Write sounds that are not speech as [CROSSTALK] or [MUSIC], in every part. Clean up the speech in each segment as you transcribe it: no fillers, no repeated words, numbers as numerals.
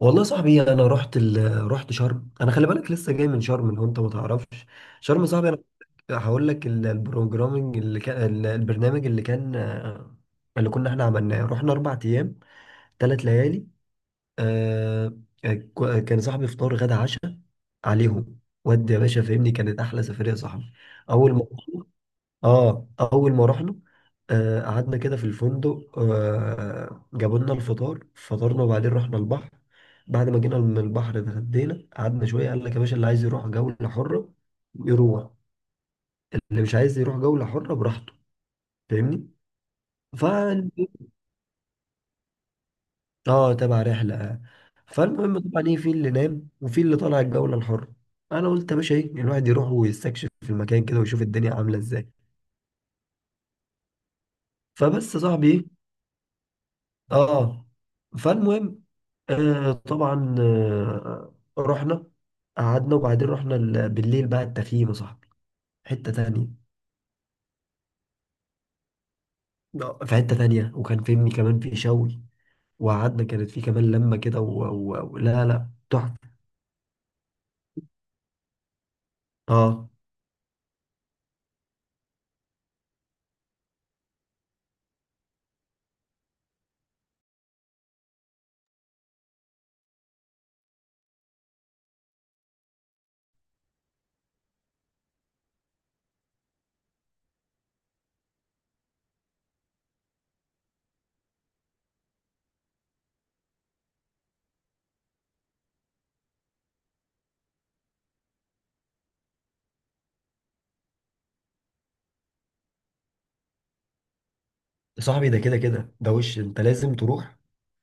والله يا صاحبي، انا رحت شرم. انا خلي بالك لسه جاي من شرم لو انت ما تعرفش شرم يا صاحبي. انا هقول لك ال- البروجرامنج اللي كان البرنامج اللي كان، اللي كنا احنا عملناه، رحنا 4 ايام 3 ليالي. آه... كان صاحبي فطار غدا عشاء عليهم. ودي يا باشا فهمني كانت احلى سفريه يا صاحبي. اول ما اه اول ما رحنا، قعدنا كده في الفندق، جابوا لنا الفطار، فطرنا وبعدين رحنا البحر. بعد ما جينا من البحر اتغدينا، قعدنا شويه، قال لك يا باشا اللي عايز يروح جوله حره يروح، اللي مش عايز يروح جوله حره براحته، فاهمني؟ ف اه تبع رحله. فالمهم طبعا ايه، في اللي نام وفي اللي طالع الجوله الحره. انا قلت يا باشا ايه، الواحد يروح ويستكشف في المكان كده ويشوف الدنيا عامله ازاي. فبس يا صاحبي ايه. اه فالمهم طبعا، رحنا قعدنا وبعدين رحنا بالليل بقى التخييم يا صاحبي، حتة تانية. في حتة تانية، وكان فهمني كمان في شوي. وقعدنا كانت في كمان لمة كده و لا لا، تحفة. اه يا صاحبي، ده كده كده، ده وش انت لازم تروح،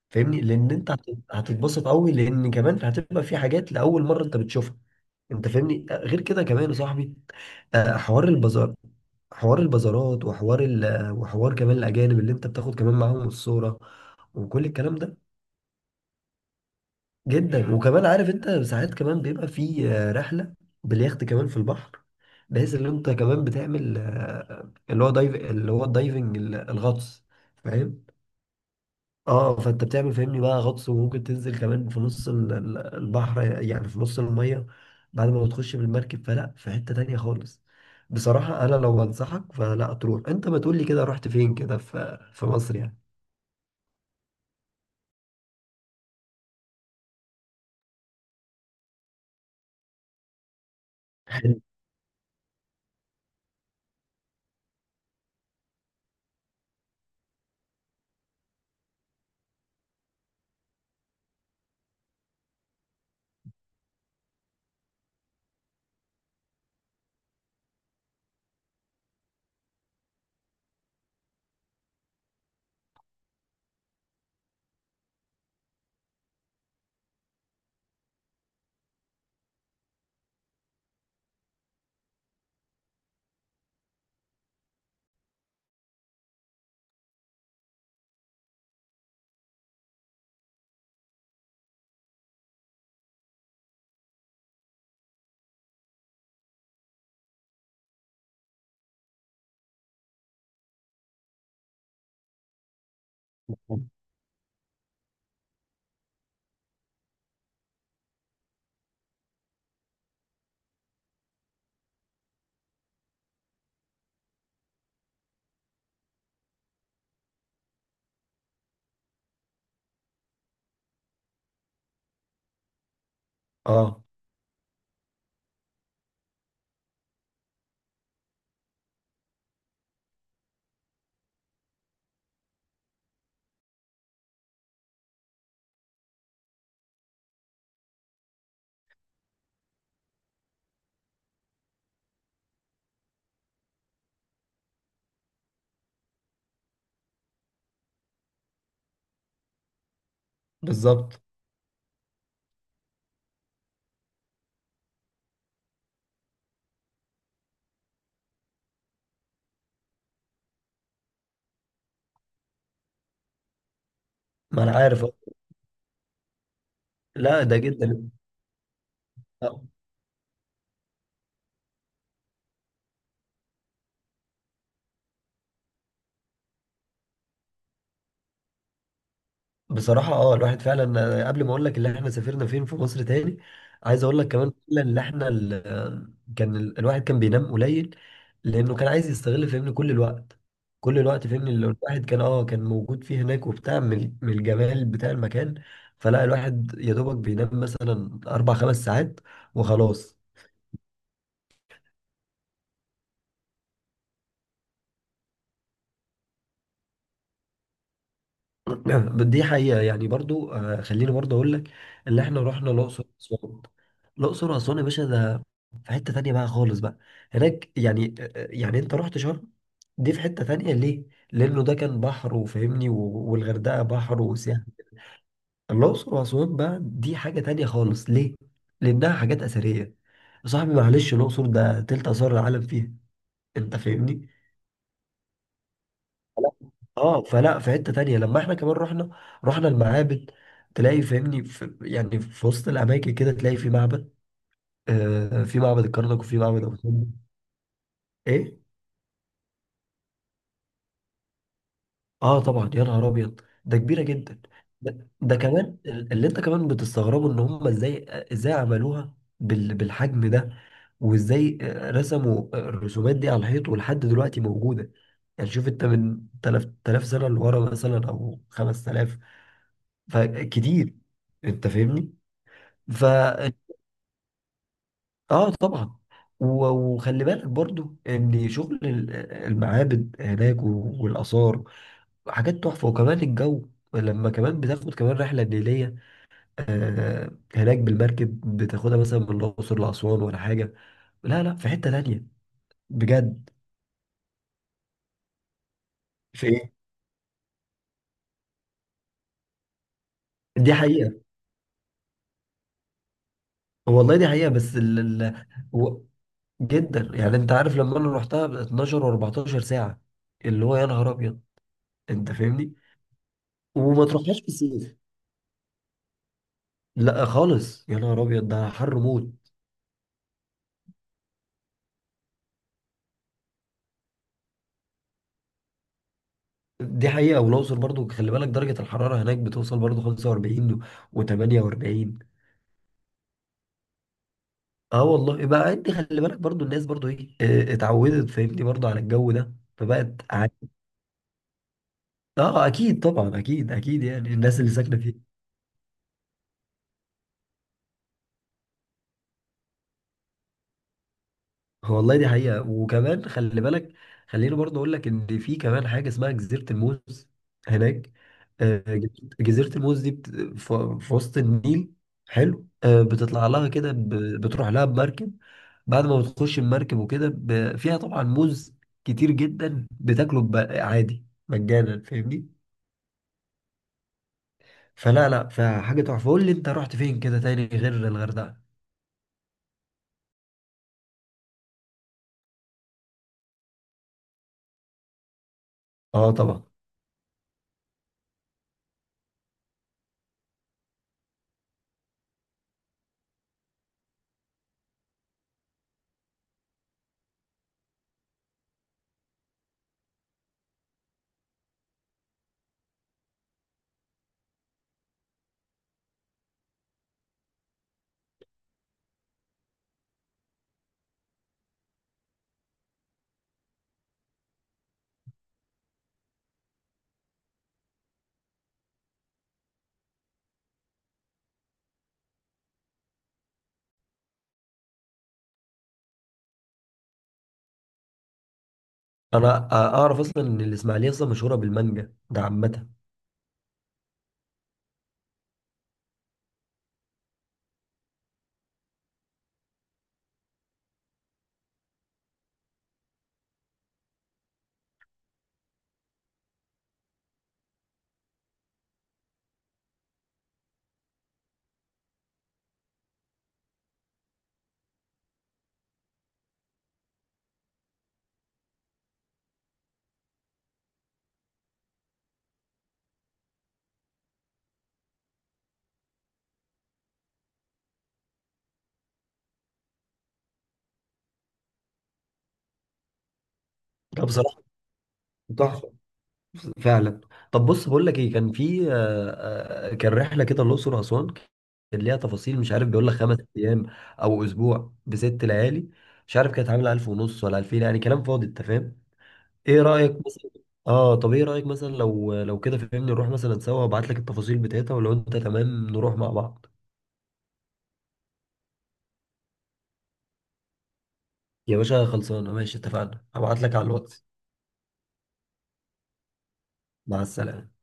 فاهمني؟ لان انت هتتبسط قوي، لان كمان هتبقى في حاجات لاول مرة انت بتشوفها. انت فاهمني؟ غير كده كمان يا صاحبي، حوار البازار، حوار البازارات، وحوار كمان الاجانب اللي انت بتاخد كمان معاهم الصورة وكل الكلام ده. جدا. وكمان عارف انت ساعات كمان بيبقى في رحلة باليخت كمان في البحر، بحيث ان انت كمان بتعمل اللي هو الدايفنج، الغطس، فاهم؟ اه فانت بتعمل فاهمني بقى غطس، وممكن تنزل كمان في نص البحر، يعني في نص المية بعد ما بتخش بالمركب. فلا، في حتة تانية خالص. بصراحة انا لو بنصحك، فلا تروح. انت ما تقولي كده رحت فين كده في مصر يعني. حلو. اه، بالظبط. ما انا عارف. لا، ده جدا. بصراحة، الواحد فعلا، قبل ما اقول لك اللي احنا سافرنا فين في مصر تاني، عايز اقول لك كمان فعلا اللي احنا كان الواحد كان بينام قليل، لانه كان عايز يستغل فهمني كل الوقت، كل الوقت، فهمني اللي الواحد كان موجود فيه هناك، وبتاع من الجمال بتاع المكان. فلا الواحد يا دوبك بينام مثلا اربع خمس ساعات وخلاص. [CLEARS THROAT] دي حقيقة، يعني برضو، خليني برضو أقول لك اللي إحنا رحنا الأقصر وأسوان. الأقصر وأسوان يا باشا ده في حتة تانية بقى خالص بقى هناك، يعني يعني أنت رحت شرم، دي في حتة تانية ليه؟ لأنه ده كان بحر وفاهمني، والغردقة بحر وسياحة. الأقصر وأسوان بقى دي حاجة تانية خالص، ليه؟ لأنها حاجات أثرية. يا صاحبي معلش، الأقصر ده تلت آثار العالم فيها. أنت فاهمني؟ فلا- اه فلا في حتة تانية لما احنا كمان رحنا المعابد، تلاقي فاهمني في، يعني في وسط الاماكن كده، تلاقي في معبد. في معبد الكرنك، وفي معبد ابو سمبل. ايه. اه طبعا، يا نهار ابيض ده كبيرة جدا. ده كمان اللي انت كمان بتستغربه، ان هم ازاي عملوها بالحجم ده، وازاي رسموا الرسومات دي على الحيط، ولحد دلوقتي موجودة. يعني شوف انت من 3000 سنة لورا مثلا او 5000، فكتير، انت فاهمني. ف اه طبعا، وخلي بالك برضو ان شغل المعابد هناك والاثار حاجات تحفه، وكمان الجو لما كمان بتاخد كمان رحله نيليه هناك بالمركب، بتاخدها مثلا من الاقصر لاسوان ولا حاجه. لا لا، في حته تانيه بجد. في ايه؟ دي حقيقه. والله دي حقيقه، بس و- جدا، يعني انت عارف لما انا رحتها 12 و14 ساعه، اللي هو يا نهار ابيض. انت فاهمني؟ وما تروحهاش في الصيف. لا خالص، يا نهار ابيض، ده حر موت. دي حقيقة، والأقصر برضو خلي بالك درجة الحرارة هناك بتوصل برضو 45 و48. اه والله بقى، انت خلي بالك برضو، الناس برضو ايه، اتعودت فاهمني برضو على الجو ده، فبقت اه، اكيد طبعا، اكيد اكيد، يعني الناس اللي ساكنة فيه. والله دي حقيقة، وكمان خلي بالك، خليني برضه أقول لك إن في كمان حاجة اسمها جزيرة الموز هناك. آه، جزيرة الموز دي في وسط النيل، حلو. بتطلع لها كده، بتروح لها بمركب بعد ما بتخش المركب وكده، فيها طبعا موز كتير جدا بتاكله عادي مجانا، فاهمني. فلا لا، فحاجة تحفة. قول لي أنت رحت فين كده تاني غير الغردقة. اه طبعا، انا اعرف اصلا ان الاسماعيليه اصلا مشهوره بالمانجا، ده عامه. ده بصراحه تحفة فعلا. طب بص، بقول لك ايه، كان في كان رحلة كده الأقصر وأسوان، كان ليها تفاصيل. مش عارف بيقول لك 5 أيام أو أسبوع بست ليالي. مش عارف كانت عاملة ألف ونص ولا ألفين، يعني كلام فاضي. أنت فاهم؟ إيه رأيك مثلا؟ طب إيه رأيك مثلا لو كده فهمني، نروح مثلا سوا وأبعت لك التفاصيل بتاعتها، ولو أنت تمام نروح مع بعض يا باشا. خلصانة ماشي، اتفقنا، هبعت لك على الواتس. مع السلامة.